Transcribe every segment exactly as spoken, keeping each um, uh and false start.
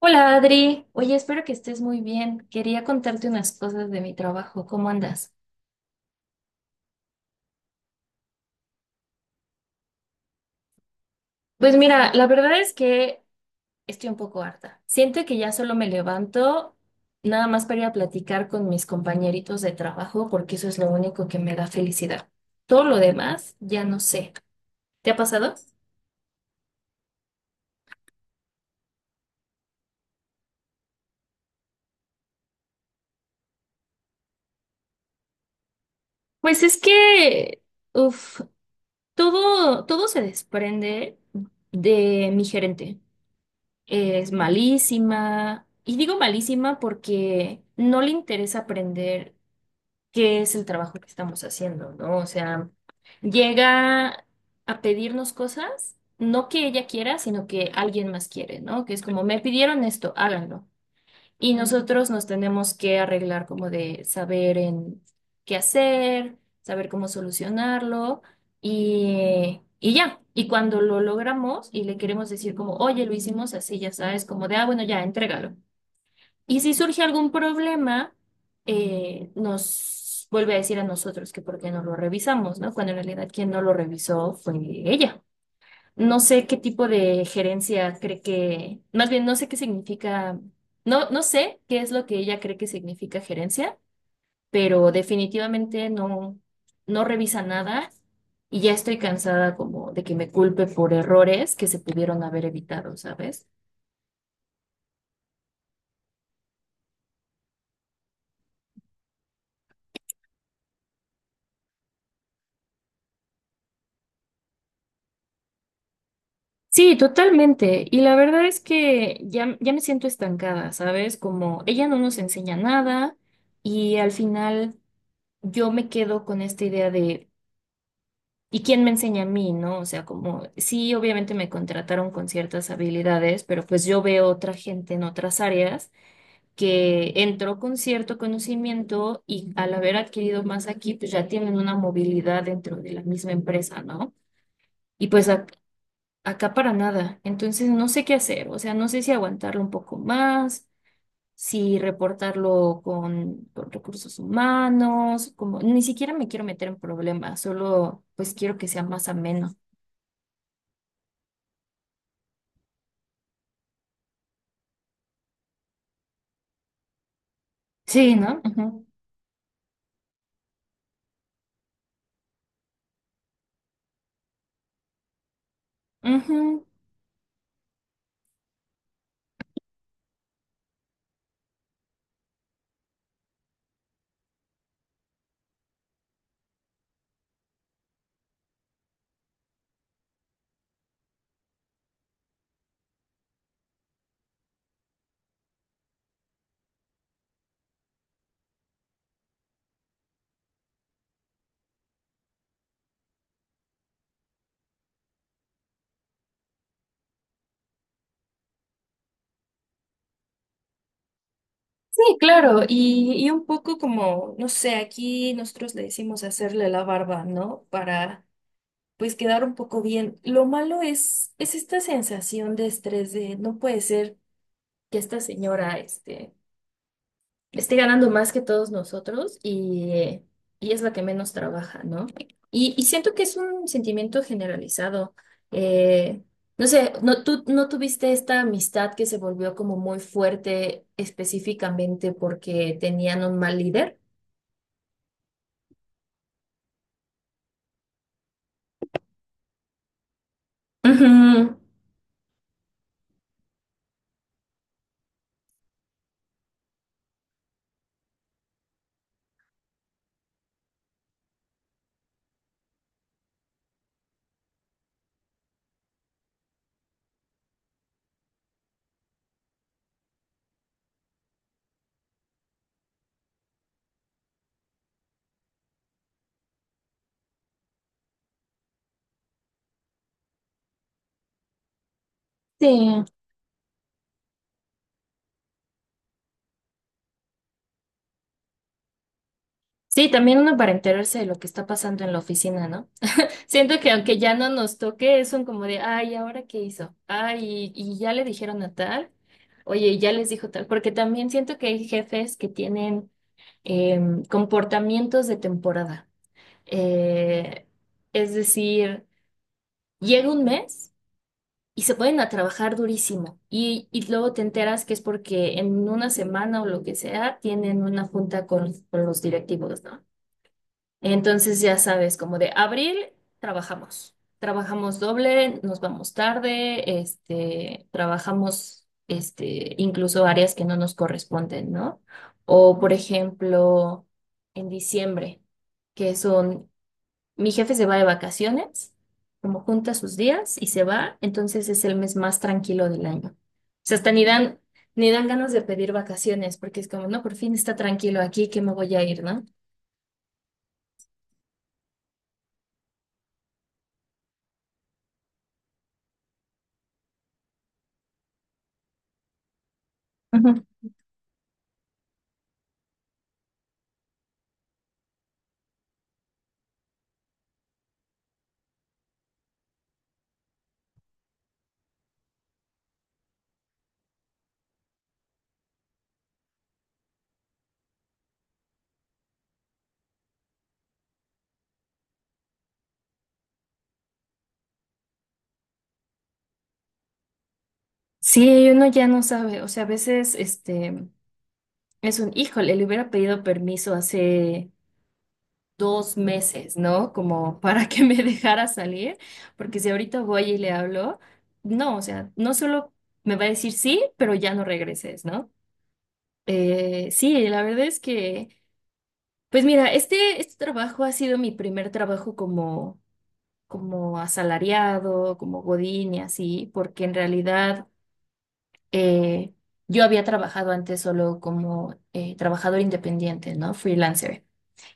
Hola Adri, oye, espero que estés muy bien. Quería contarte unas cosas de mi trabajo. ¿Cómo andas? Pues mira, la verdad es que estoy un poco harta. Siento que ya solo me levanto nada más para ir a platicar con mis compañeritos de trabajo porque eso es lo único que me da felicidad. Todo lo demás ya no sé. ¿Te ha pasado? Pues es que, uff, todo, todo se desprende de mi gerente. Es malísima. Y digo malísima porque no le interesa aprender qué es el trabajo que estamos haciendo, ¿no? O sea, llega a pedirnos cosas, no que ella quiera, sino que alguien más quiere, ¿no? Que es como, me pidieron esto, háganlo. Y nosotros nos tenemos que arreglar como de saber en qué hacer, saber cómo solucionarlo y, y ya. Y cuando lo logramos y le queremos decir como, oye, lo hicimos así, ya sabes, como de, ah, bueno, ya, entrégalo. Y si surge algún problema, eh, nos vuelve a decir a nosotros que por qué no lo revisamos, ¿no? Cuando en realidad quien no lo revisó fue ella. No sé qué tipo de gerencia cree que, más bien no sé qué significa, no, no sé qué es lo que ella cree que significa gerencia, pero definitivamente no, no revisa nada y ya estoy cansada como de que me culpe por errores que se pudieron haber evitado, ¿sabes? Sí, totalmente. Y la verdad es que ya, ya me siento estancada, ¿sabes? Como ella no nos enseña nada y al final yo me quedo con esta idea de ¿y quién me enseña a mí, no? O sea, como, sí, obviamente me contrataron con ciertas habilidades, pero pues yo veo otra gente en otras áreas que entró con cierto conocimiento y al haber adquirido más aquí, pues ya tienen una movilidad dentro de la misma empresa, ¿no? Y pues ac- acá para nada. Entonces no sé qué hacer, o sea, no sé si aguantarlo un poco más, si reportarlo con, con recursos humanos, como, ni siquiera me quiero meter en problemas, solo pues quiero que sea más ameno. Sí, ¿no? Ujú. Ujú. Sí, claro, y, y un poco como, no sé, aquí nosotros le decimos hacerle la barba, ¿no? Para pues quedar un poco bien. Lo malo es, es esta sensación de estrés de no puede ser que esta señora, este, esté ganando más que todos nosotros y, eh, y es la que menos trabaja, ¿no? Y, y siento que es un sentimiento generalizado. Eh, no sé, no, tú no tuviste esta amistad que se volvió como muy fuerte específicamente porque tenían un mal líder. Ujú. Sí. Sí, también uno para enterarse de lo que está pasando en la oficina, ¿no? Siento que aunque ya no nos toque, es un como de, ay, ¿ahora qué hizo? Ay, y ya le dijeron a tal, oye, y ya les dijo tal, porque también siento que hay jefes que tienen em, comportamientos de temporada. Eh, es decir, llega un mes y se ponen a trabajar durísimo y, y luego te enteras que es porque en una semana o lo que sea tienen una junta con, con los directivos, ¿no? Entonces ya sabes, como de abril trabajamos, trabajamos doble, nos vamos tarde, este, trabajamos este, incluso áreas que no nos corresponden, ¿no? O por ejemplo, en diciembre, que son, mi jefe se va de vacaciones, como junta sus días y se va, entonces es el mes más tranquilo del año. O sea, hasta ni dan, ni dan ganas de pedir vacaciones, porque es como, no, por fin está tranquilo aquí, que me voy a ir, ¿no? Sí, uno ya no sabe, o sea, a veces este es un, híjole, le hubiera pedido permiso hace dos meses, ¿no? Como para que me dejara salir, porque si ahorita voy y le hablo, no, o sea, no solo me va a decir sí, pero ya no regreses, ¿no? Eh, sí, la verdad es que, pues mira, este, este trabajo ha sido mi primer trabajo como, como asalariado, como godín y así, porque en realidad eh, yo había trabajado antes solo como eh, trabajador independiente, ¿no? Freelancer.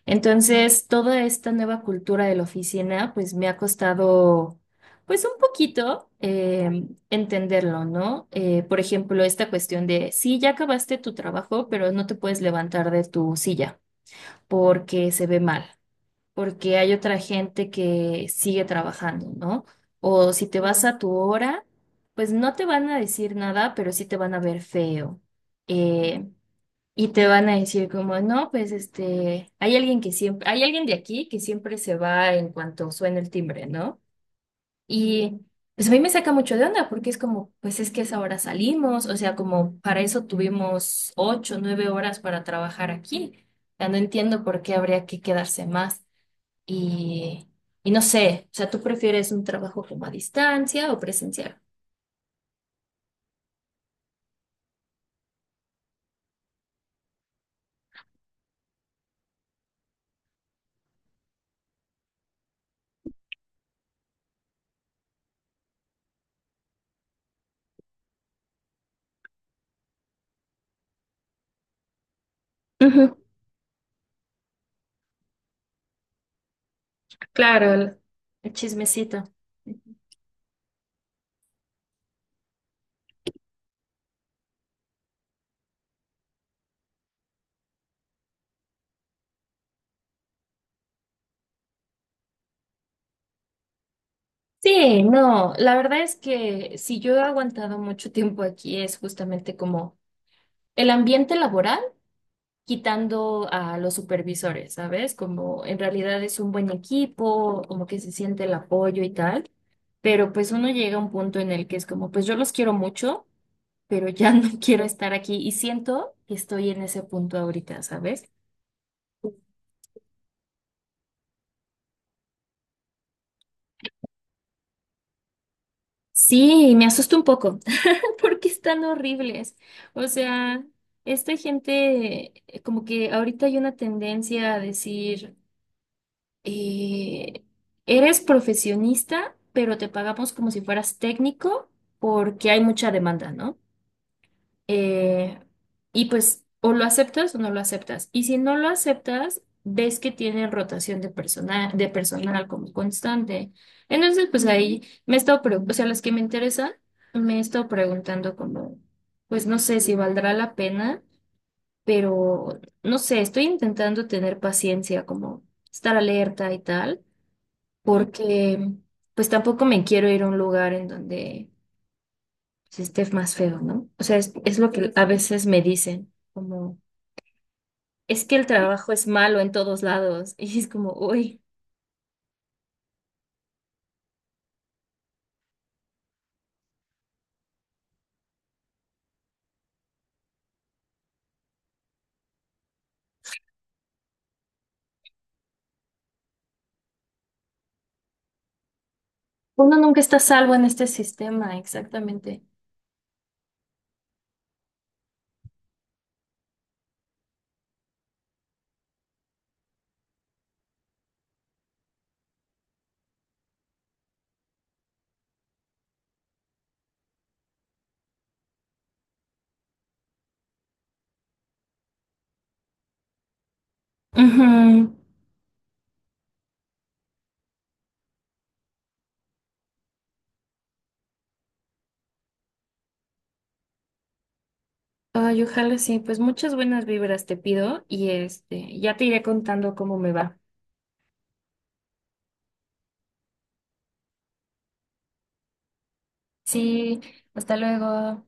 Entonces, toda esta nueva cultura de la oficina, pues me ha costado, pues un poquito eh, entenderlo, ¿no? Eh, por ejemplo, esta cuestión de, sí, ya acabaste tu trabajo, pero no te puedes levantar de tu silla porque se ve mal porque hay otra gente que sigue trabajando, ¿no? O si te vas a tu hora, pues no te van a decir nada, pero sí te van a ver feo. Eh, y te van a decir como, no, pues este, hay alguien que siempre, hay alguien de aquí que siempre se va en cuanto suena el timbre, ¿no? Y pues a mí me saca mucho de onda porque es como, pues es que a esa hora salimos, o sea, como para eso tuvimos ocho, nueve horas para trabajar aquí. O sea, no entiendo por qué habría que quedarse más. Y, y no sé, o sea, ¿tú prefieres un trabajo como a distancia o presencial? Ujú, claro, el- El chismecito. Sí, no, la verdad es que si yo he aguantado mucho tiempo aquí es justamente como el ambiente laboral, quitando a los supervisores, ¿sabes? Como en realidad es un buen equipo, como que se siente el apoyo y tal, pero pues uno llega a un punto en el que es como, pues yo los quiero mucho, pero ya no quiero estar aquí y siento que estoy en ese punto ahorita, ¿sabes? Sí, me asusta un poco porque están horribles. O sea, esta gente, eh, como que ahorita hay una tendencia a decir, eh, eres profesionista, pero te pagamos como si fueras técnico porque hay mucha demanda, ¿no? Eh, y pues o lo aceptas o no lo aceptas. Y si no lo aceptas, ves que tiene rotación de personal, de personal como constante. Entonces, pues ahí me he estado, pregu- o sea, las que me interesan, me he estado preguntando como, pues no sé si valdrá la pena, pero no sé, estoy intentando tener paciencia, como estar alerta y tal, porque pues tampoco me quiero ir a un lugar en donde si esté más feo, ¿no? O sea, es, es lo que a veces me dicen, como, es que el trabajo es malo en todos lados. Y es como, uy, uno nunca está a salvo en este sistema, exactamente. Ujú. Ay, ojalá sí, pues muchas buenas vibras te pido y este, ya te iré contando cómo me va. Sí, hasta luego.